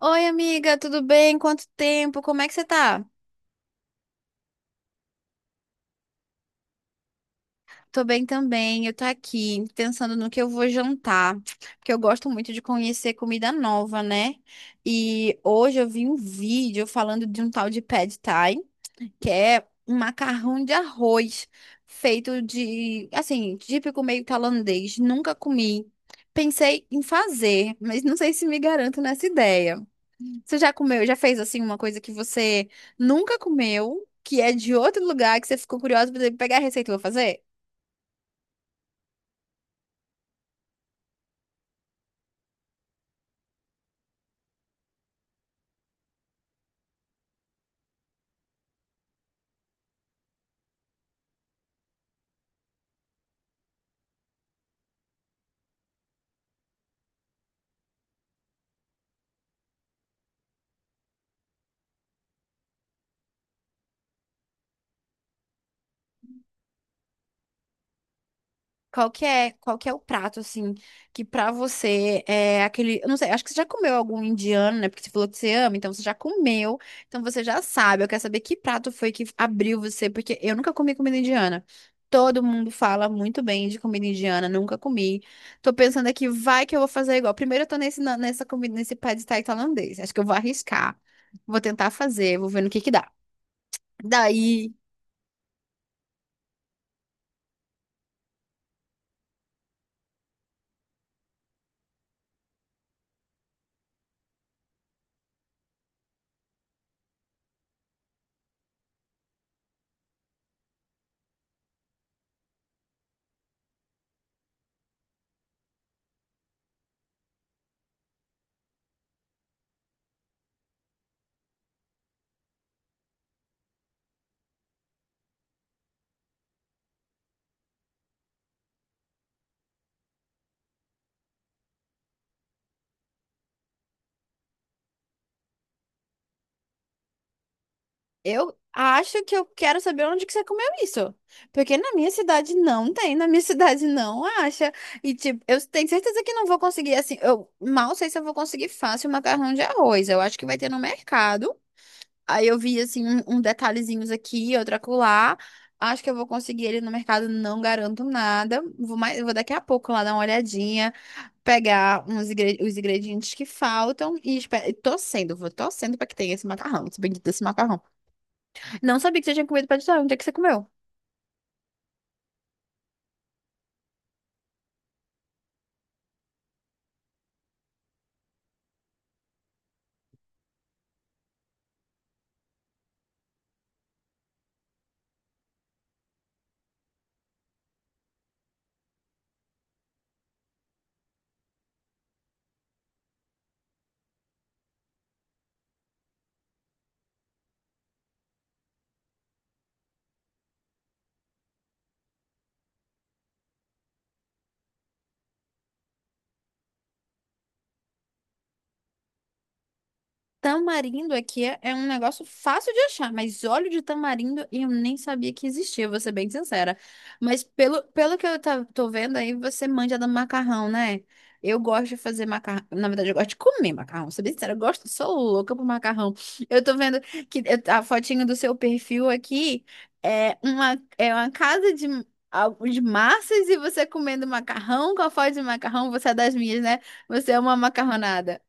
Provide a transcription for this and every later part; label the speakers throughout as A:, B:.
A: Oi, amiga, tudo bem? Quanto tempo? Como é que você tá? Tô bem também. Eu tô aqui pensando no que eu vou jantar, porque eu gosto muito de conhecer comida nova, né? E hoje eu vi um vídeo falando de um tal de pad thai, que é um macarrão de arroz feito de, assim, típico meio tailandês. Nunca comi. Pensei em fazer, mas não sei se me garanto nessa ideia. Você já comeu, já fez assim uma coisa que você nunca comeu, que é de outro lugar, que você ficou curiosa pra pegar a receita e vou fazer? Qual que é o prato, assim, que pra você é aquele. Eu não sei, acho que você já comeu algum indiano, né? Porque você falou que você ama, então você já comeu, então você já sabe. Eu quero saber que prato foi que abriu você, porque eu nunca comi comida indiana. Todo mundo fala muito bem de comida indiana, nunca comi. Tô pensando aqui, vai que eu vou fazer igual. Primeiro eu tô nesse, nessa comida, nesse pad thai tailandês. Acho que eu vou arriscar. Vou tentar fazer, vou ver no que dá. Daí. Eu acho que eu quero saber onde que você comeu isso. Porque na minha cidade não tem, na minha cidade não acha. E tipo, eu tenho certeza que não vou conseguir assim. Eu mal sei se eu vou conseguir fácil macarrão de arroz. Eu acho que vai ter no mercado. Aí eu vi assim um detalhezinhos aqui, outro acolá. Acho que eu vou conseguir ele no mercado, não garanto nada. Vou mais, vou daqui a pouco lá dar uma olhadinha, pegar os ingredientes que faltam e e torcendo, vou torcendo para que tenha esse macarrão, esse bendito desse macarrão. Não sabia que você tinha comido pastel. Onde é que você comeu? Tamarindo aqui é um negócio fácil de achar, mas óleo de tamarindo eu nem sabia que existia, vou ser bem sincera. Mas pelo que eu tô vendo aí, você manja do macarrão, né? Eu gosto de fazer macarrão. Na verdade, eu gosto de comer macarrão. Ser bem sincera, eu gosto, sou louca por macarrão. Eu tô vendo que a fotinho do seu perfil aqui é uma casa de, algo de massas e você comendo macarrão com a foto de macarrão, você é das minhas, né? Você é uma macarronada.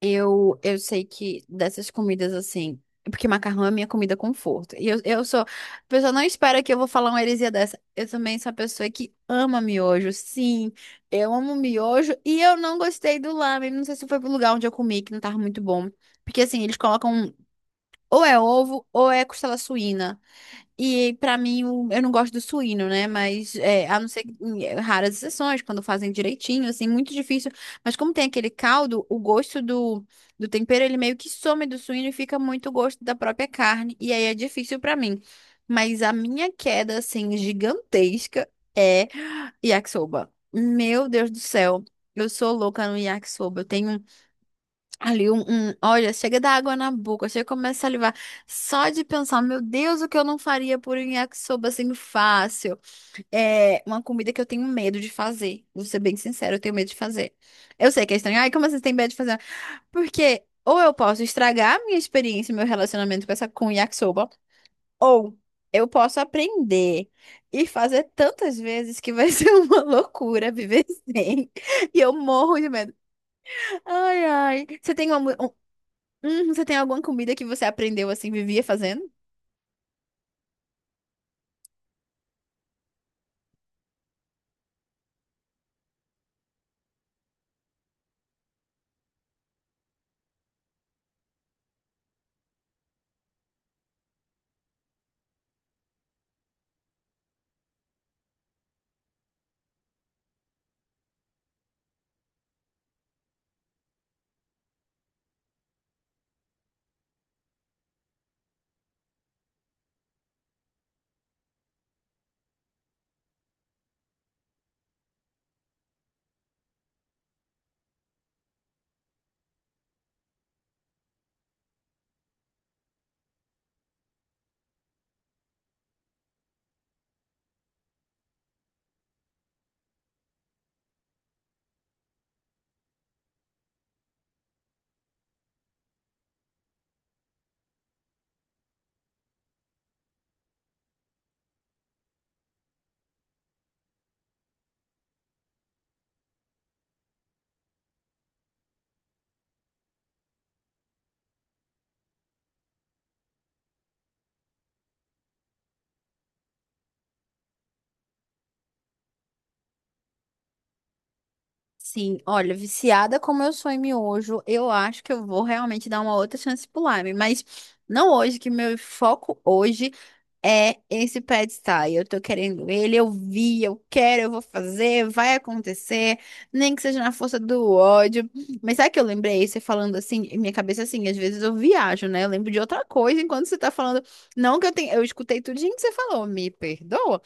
A: Eu sei que dessas comidas assim. Porque macarrão é minha comida conforto. E eu sou. A pessoa não espera que eu vou falar uma heresia dessa. Eu também sou a pessoa que ama miojo. Sim, eu amo miojo. E eu não gostei do lamen. Não sei se foi pro lugar onde eu comi, que não tava muito bom. Porque assim, eles colocam. Ou é ovo, ou é costela suína. E pra mim, eu não gosto do suíno, né? Mas é, a não ser que, raras exceções, quando fazem direitinho, assim, muito difícil. Mas como tem aquele caldo, o gosto do, do tempero, ele meio que some do suíno e fica muito o gosto da própria carne. E aí é difícil pra mim. Mas a minha queda, assim, gigantesca é yakisoba. Meu Deus do céu. Eu sou louca no yakisoba. Eu tenho Ali olha, chega da água na boca, chega e começa a salivar. Só de pensar, meu Deus, o que eu não faria por um yakisoba assim fácil. É uma comida que eu tenho medo de fazer. Vou ser bem sincera, eu tenho medo de fazer. Eu sei que é estranho. Ai, como vocês têm medo de fazer? Porque ou eu posso estragar a minha experiência, meu relacionamento com essa com o yakisoba, ou eu posso aprender e fazer tantas vezes que vai ser uma loucura viver sem. E eu morro de medo. Ai, ai. Você tem uma. Você tem alguma comida que você aprendeu assim, vivia fazendo? Sim, olha, viciada como eu sou em miojo, eu acho que eu vou realmente dar uma outra chance pro Lime, mas não hoje, que meu foco hoje é esse pad thai. Eu tô querendo ele, eu vi, eu quero, eu vou fazer, vai acontecer, nem que seja na força do ódio. Mas sabe que eu lembrei, você falando assim, em minha cabeça assim, às vezes eu viajo, né? Eu lembro de outra coisa enquanto você tá falando. Não que eu tenha, eu escutei tudinho que você falou, me perdoa.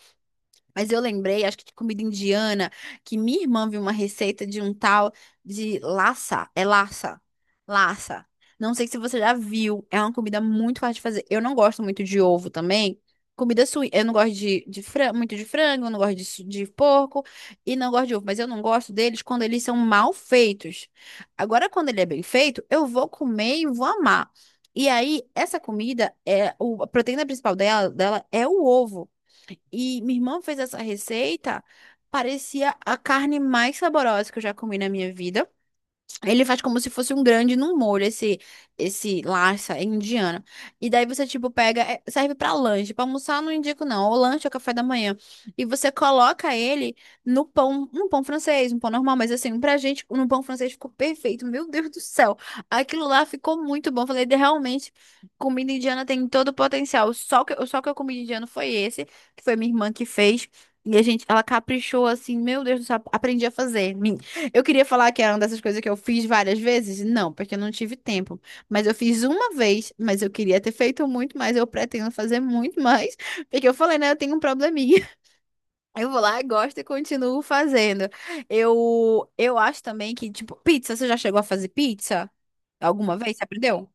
A: Mas eu lembrei, acho que de comida indiana, que minha irmã viu uma receita de um tal de lassa. É lassa. Lassa. Não sei se você já viu. É uma comida muito fácil de fazer. Eu não gosto muito de ovo também. Comida sui. Eu não gosto de, muito de frango, eu não gosto de, de porco e não gosto de ovo. Mas eu não gosto deles quando eles são mal feitos. Agora, quando ele é bem feito, eu vou comer e vou amar. E aí, essa comida, é o, a proteína principal dela é o ovo. E minha irmã fez essa receita, parecia a carne mais saborosa que eu já comi na minha vida. Ele faz como se fosse um grande num molho, esse larsa indiana. E daí você, tipo, pega, é, serve pra lanche. Pra almoçar, eu não indico, não. Ou lanche ou café da manhã. E você coloca ele no pão, um pão francês, um pão normal. Mas assim, pra gente, no pão francês ficou perfeito. Meu Deus do céu. Aquilo lá ficou muito bom. Falei, realmente, comida indiana tem todo o potencial. Só que eu comi indiano foi esse, que foi minha irmã que fez. E a gente, ela caprichou assim, meu Deus do céu, aprendi a fazer. Eu queria falar que era uma dessas coisas que eu fiz várias vezes? Não, porque eu não tive tempo. Mas eu fiz uma vez, mas eu queria ter feito muito mais, eu pretendo fazer muito mais, porque eu falei, né, eu tenho um probleminha. Eu vou lá, gosto e continuo fazendo. Eu acho também que, tipo, pizza, você já chegou a fazer pizza? Alguma vez? Você aprendeu?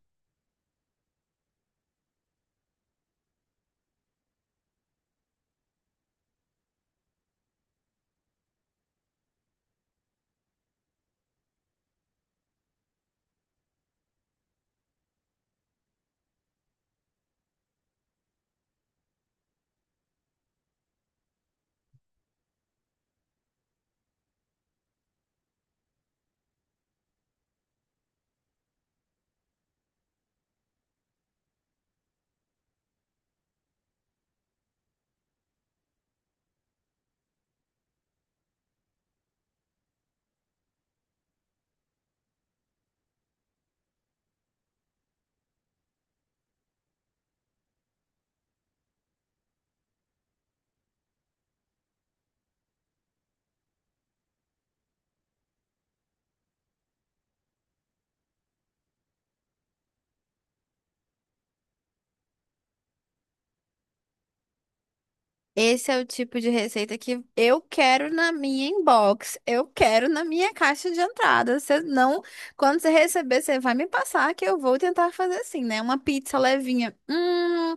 A: Esse é o tipo de receita que eu quero na minha inbox, eu quero na minha caixa de entrada. Você não, quando você receber, você vai me passar que eu vou tentar fazer assim, né? Uma pizza levinha.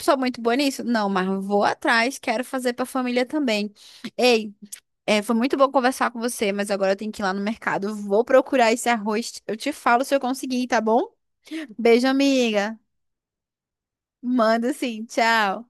A: Sou muito boa nisso? Não, mas vou atrás, quero fazer pra família também. Ei, é, foi muito bom conversar com você, mas agora eu tenho que ir lá no mercado. Vou procurar esse arroz. Eu te falo se eu conseguir, tá bom? Beijo, amiga. Manda sim, tchau.